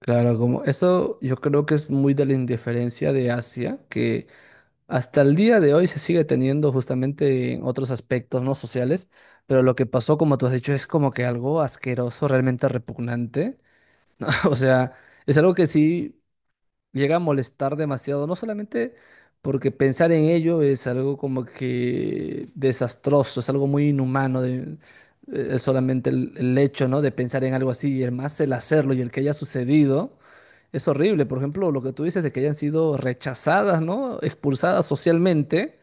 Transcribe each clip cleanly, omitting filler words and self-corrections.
Claro, como eso yo creo que es muy de la indiferencia de Asia, que hasta el día de hoy se sigue teniendo justamente en otros aspectos no sociales, pero lo que pasó, como tú has dicho, es como que algo asqueroso, realmente repugnante. O sea, es algo que sí llega a molestar demasiado, no solamente porque pensar en ello es algo como que desastroso, es algo muy inhumano, solamente el hecho, ¿no? de pensar en algo así, y el más el hacerlo y el que haya sucedido, es horrible. Por ejemplo, lo que tú dices de que hayan sido rechazadas, ¿no? Expulsadas socialmente.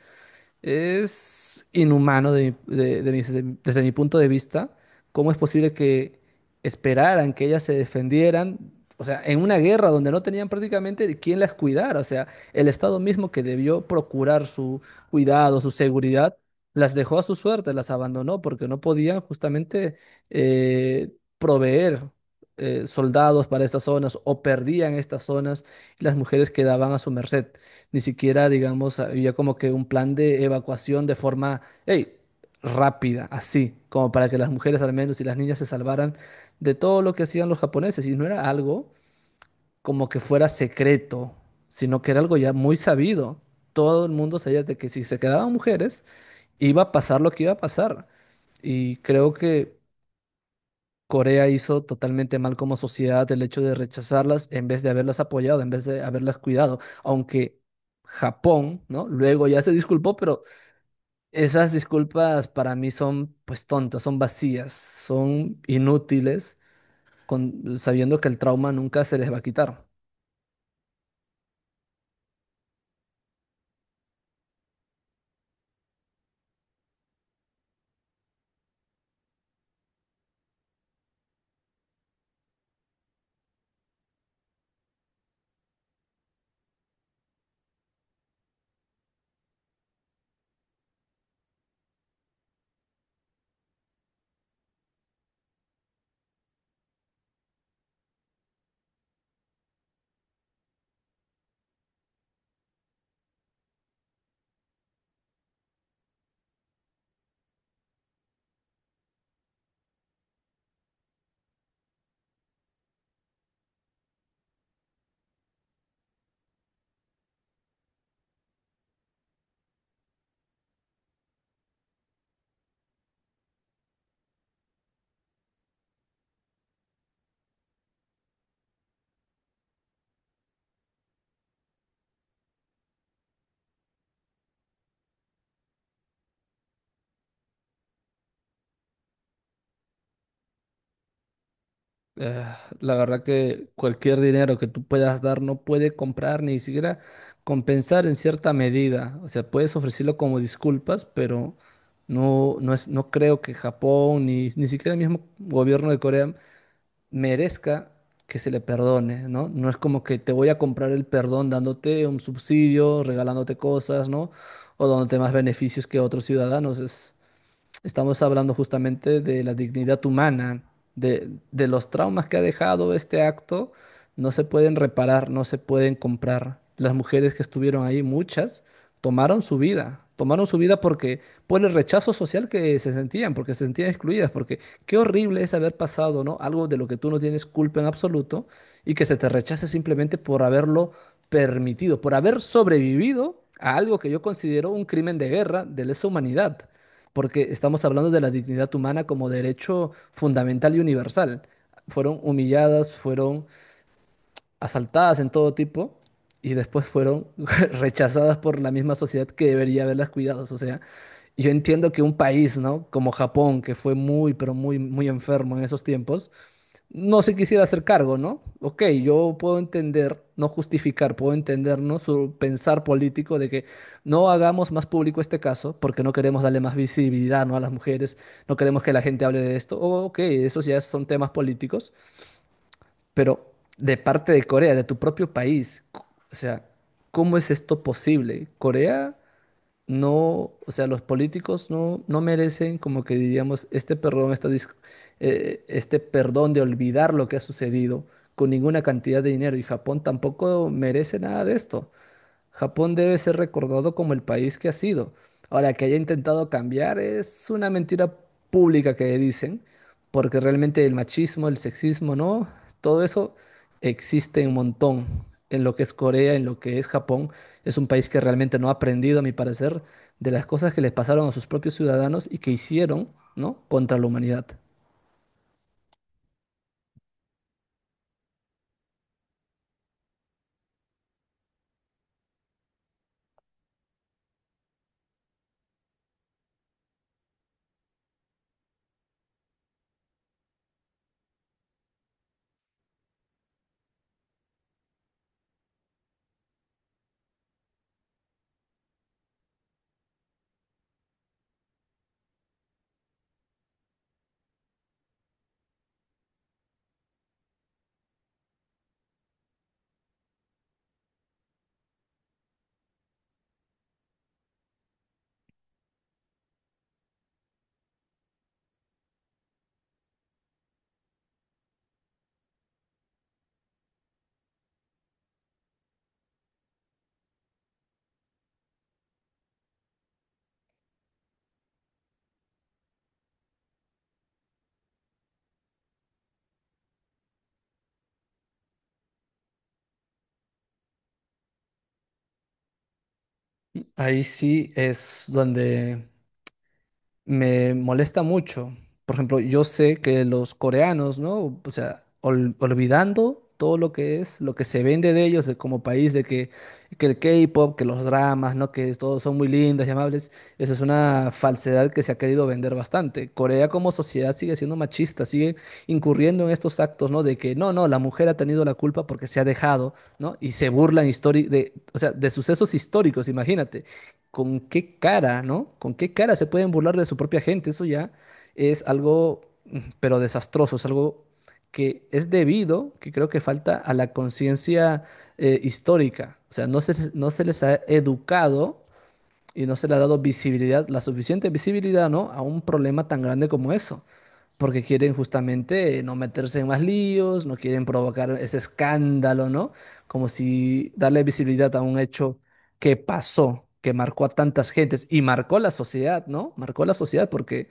Es inhumano de mi- desde desde mi punto de vista. ¿Cómo es posible que esperaran que ellas se defendieran? O sea, en una guerra donde no tenían prácticamente quién las cuidara. O sea, el Estado mismo que debió procurar su cuidado, su seguridad, las dejó a su suerte, las abandonó porque no podían justamente eh, proveer soldados para estas zonas o perdían estas zonas y las mujeres quedaban a su merced. Ni siquiera, digamos, había como que un plan de evacuación de forma, hey, rápida, así, como para que las mujeres al menos y las niñas se salvaran de todo lo que hacían los japoneses. Y no era algo como que fuera secreto, sino que era algo ya muy sabido. Todo el mundo sabía de que si se quedaban mujeres, iba a pasar lo que iba a pasar. Y creo que Corea hizo totalmente mal como sociedad el hecho de rechazarlas en vez de haberlas apoyado, en vez de haberlas cuidado, aunque Japón, ¿no? Luego ya se disculpó, pero esas disculpas para mí son pues tontas, son vacías, son inútiles, sabiendo que el trauma nunca se les va a quitar. Eh, la verdad que cualquier dinero que tú puedas dar no puede comprar ni siquiera compensar en cierta medida. O sea, puedes ofrecerlo como disculpas, pero no, no es, no creo que Japón ni siquiera el mismo gobierno de Corea merezca que se le perdone, ¿no? No es como que te voy a comprar el perdón dándote un subsidio, regalándote cosas, ¿no? O dándote más beneficios que otros ciudadanos. Estamos hablando justamente de la dignidad humana, de los traumas que ha dejado este acto, no se pueden reparar, no se pueden comprar. Las mujeres que estuvieron ahí, muchas, tomaron su vida porque por el rechazo social que se sentían, porque se sentían excluidas, porque qué horrible es haber pasado, ¿no? Algo de lo que tú no tienes culpa en absoluto y que se te rechace simplemente por haberlo permitido, por haber sobrevivido a algo que yo considero un crimen de guerra de lesa humanidad porque estamos hablando de la dignidad humana como derecho fundamental y universal. Fueron humilladas, fueron asaltadas en todo tipo y después fueron rechazadas por la misma sociedad que debería haberlas cuidado. O sea, yo entiendo que un país, ¿no? Como Japón, que fue muy, pero muy, muy enfermo en esos tiempos, no se quisiera hacer cargo, ¿no? Ok, yo puedo entender, no justificar, puedo entender, ¿no? Su pensar político de que no hagamos más público este caso porque no queremos darle más visibilidad, ¿no? A las mujeres, no queremos que la gente hable de esto. Oh, ok, esos ya son temas políticos, pero de parte de Corea, de tu propio país, o sea, ¿cómo es esto posible? Corea no, o sea, los políticos no merecen como que diríamos este perdón, este perdón de olvidar lo que ha sucedido con ninguna cantidad de dinero y Japón tampoco merece nada de esto. Japón debe ser recordado como el país que ha sido. Ahora, que haya intentado cambiar es una mentira pública que dicen, porque realmente el machismo, el sexismo, ¿no? Todo eso existe un montón en lo que es Corea, en lo que es Japón. Es un país que realmente no ha aprendido, a mi parecer, de las cosas que les pasaron a sus propios ciudadanos y que hicieron, ¿no? Contra la humanidad. Ahí sí es donde me molesta mucho. Por ejemplo, yo sé que los coreanos, ¿no? O sea, olvidando todo lo que es, lo que se vende de ellos como país, que el K-pop, que los dramas, ¿no? Que todos son muy lindos y amables. Esa es una falsedad que se ha querido vender bastante. Corea como sociedad sigue siendo machista, sigue incurriendo en estos actos, ¿no? De que no, no, la mujer ha tenido la culpa porque se ha dejado, ¿no? Y se burlan o sea, de sucesos históricos, imagínate con qué cara, ¿no? Con qué cara se pueden burlar de su propia gente. Eso ya es algo, pero desastroso, es algo que es debido, que creo que falta a la conciencia histórica. O sea, no se les ha educado y no se le ha dado visibilidad, la suficiente visibilidad, ¿no? A un problema tan grande como eso, porque quieren justamente no meterse en más líos, no quieren provocar ese escándalo, ¿no? Como si darle visibilidad a un hecho que pasó, que marcó a tantas gentes y marcó la sociedad, ¿no? Marcó la sociedad porque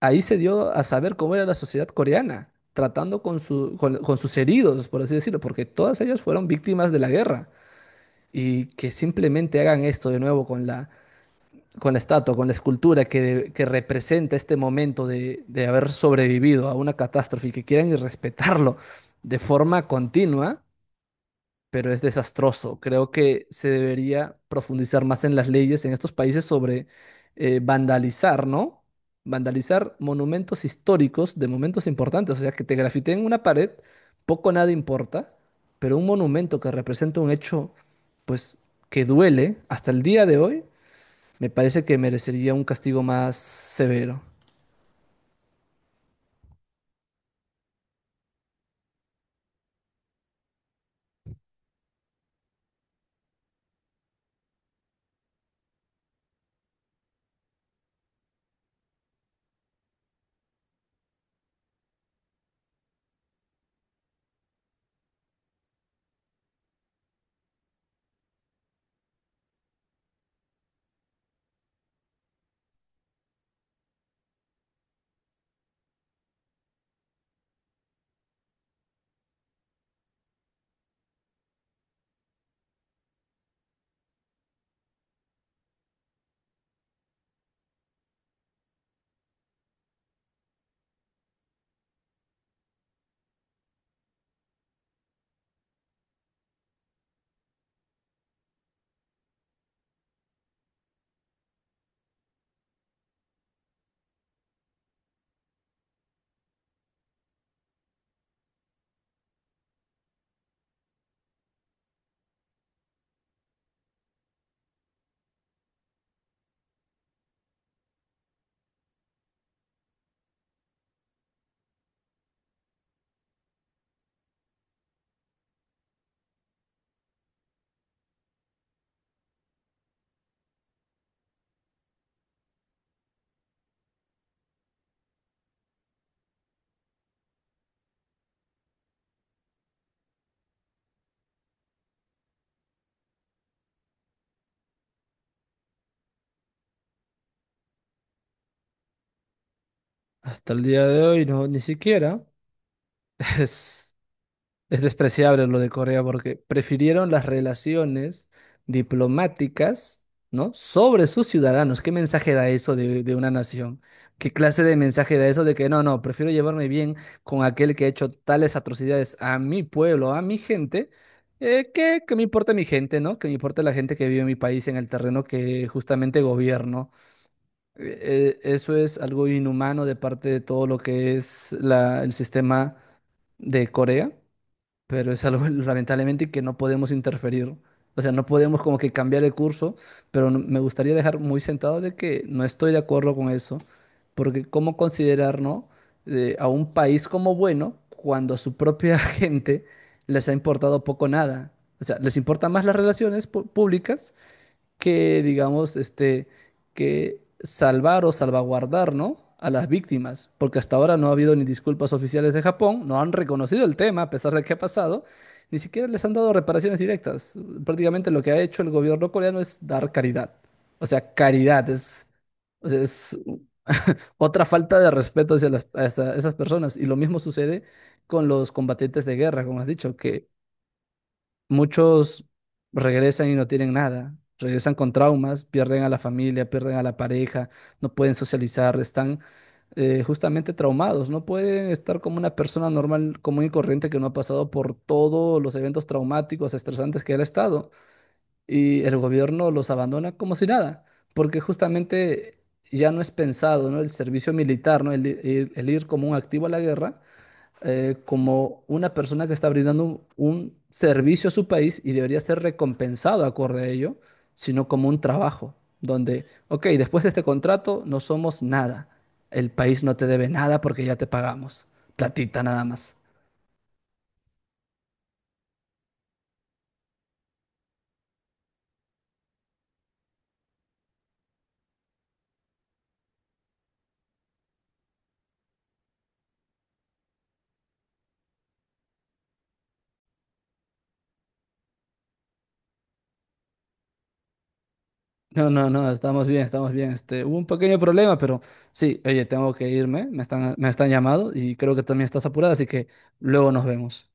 ahí se dio a saber cómo era la sociedad coreana, tratando con su- con sus heridos, por así decirlo, porque todas ellas fueron víctimas de la guerra y que simplemente hagan esto de nuevo con la estatua, con la escultura que representa este momento de haber sobrevivido a una catástrofe y que quieran irrespetarlo de forma continua, pero es desastroso. Creo que se debería profundizar más en las leyes en estos países sobre vandalizar, ¿no? Vandalizar monumentos históricos de momentos importantes. O sea, que te grafiteen una pared, poco o nada importa, pero un monumento que representa un hecho, pues, que duele hasta el día de hoy me parece que merecería un castigo más severo. Hasta el día de hoy, no, ni siquiera. Es, es despreciable lo de Corea porque prefirieron las relaciones diplomáticas, ¿no? Sobre sus ciudadanos. ¿Qué mensaje da eso de una nación? ¿Qué clase de mensaje da eso de que no, no, prefiero llevarme bien con aquel que ha hecho tales atrocidades a mi pueblo, a mi gente? Que me importa mi gente, ¿no? Que me importa la gente que vive en mi país, en el terreno que justamente gobierno. Eso es algo inhumano de parte de todo lo que es el sistema de Corea, pero es algo lamentablemente que no podemos interferir. O sea, no podemos como que cambiar el curso, pero me gustaría dejar muy sentado de que no estoy de acuerdo con eso, porque ¿cómo considerar, no, a un país como bueno cuando a su propia gente les ha importado poco o nada? O sea, les importan más las relaciones públicas que, digamos, que salvar o salvaguardar, ¿no? A las víctimas, porque hasta ahora no ha habido ni disculpas oficiales de Japón, no han reconocido el tema a pesar de que ha pasado, ni siquiera les han dado reparaciones directas. Prácticamente lo que ha hecho el gobierno coreano es dar caridad. O sea, es otra falta de respeto hacia, hacia esas personas. Y lo mismo sucede con los combatientes de guerra, como has dicho, que muchos regresan y no tienen nada, regresan con traumas, pierden a la familia, pierden a la pareja, no pueden socializar, están justamente traumados, no pueden estar como una persona normal, común y corriente que no ha pasado por todos los eventos traumáticos, estresantes que él ha estado. Y el gobierno los abandona como si nada, porque justamente ya no es pensado, ¿no? El servicio militar, ¿no? El ir como un activo a la guerra como una persona que está brindando un servicio a su país y debería ser recompensado acorde a ello, sino como un trabajo, donde, ok, después de este contrato no somos nada. El país no te debe nada porque ya te pagamos. Platita nada más. No, no, no, estamos bien, estamos bien. Hubo un pequeño problema, pero sí, oye, tengo que irme, me están llamando y creo que también estás apurada, así que luego nos vemos.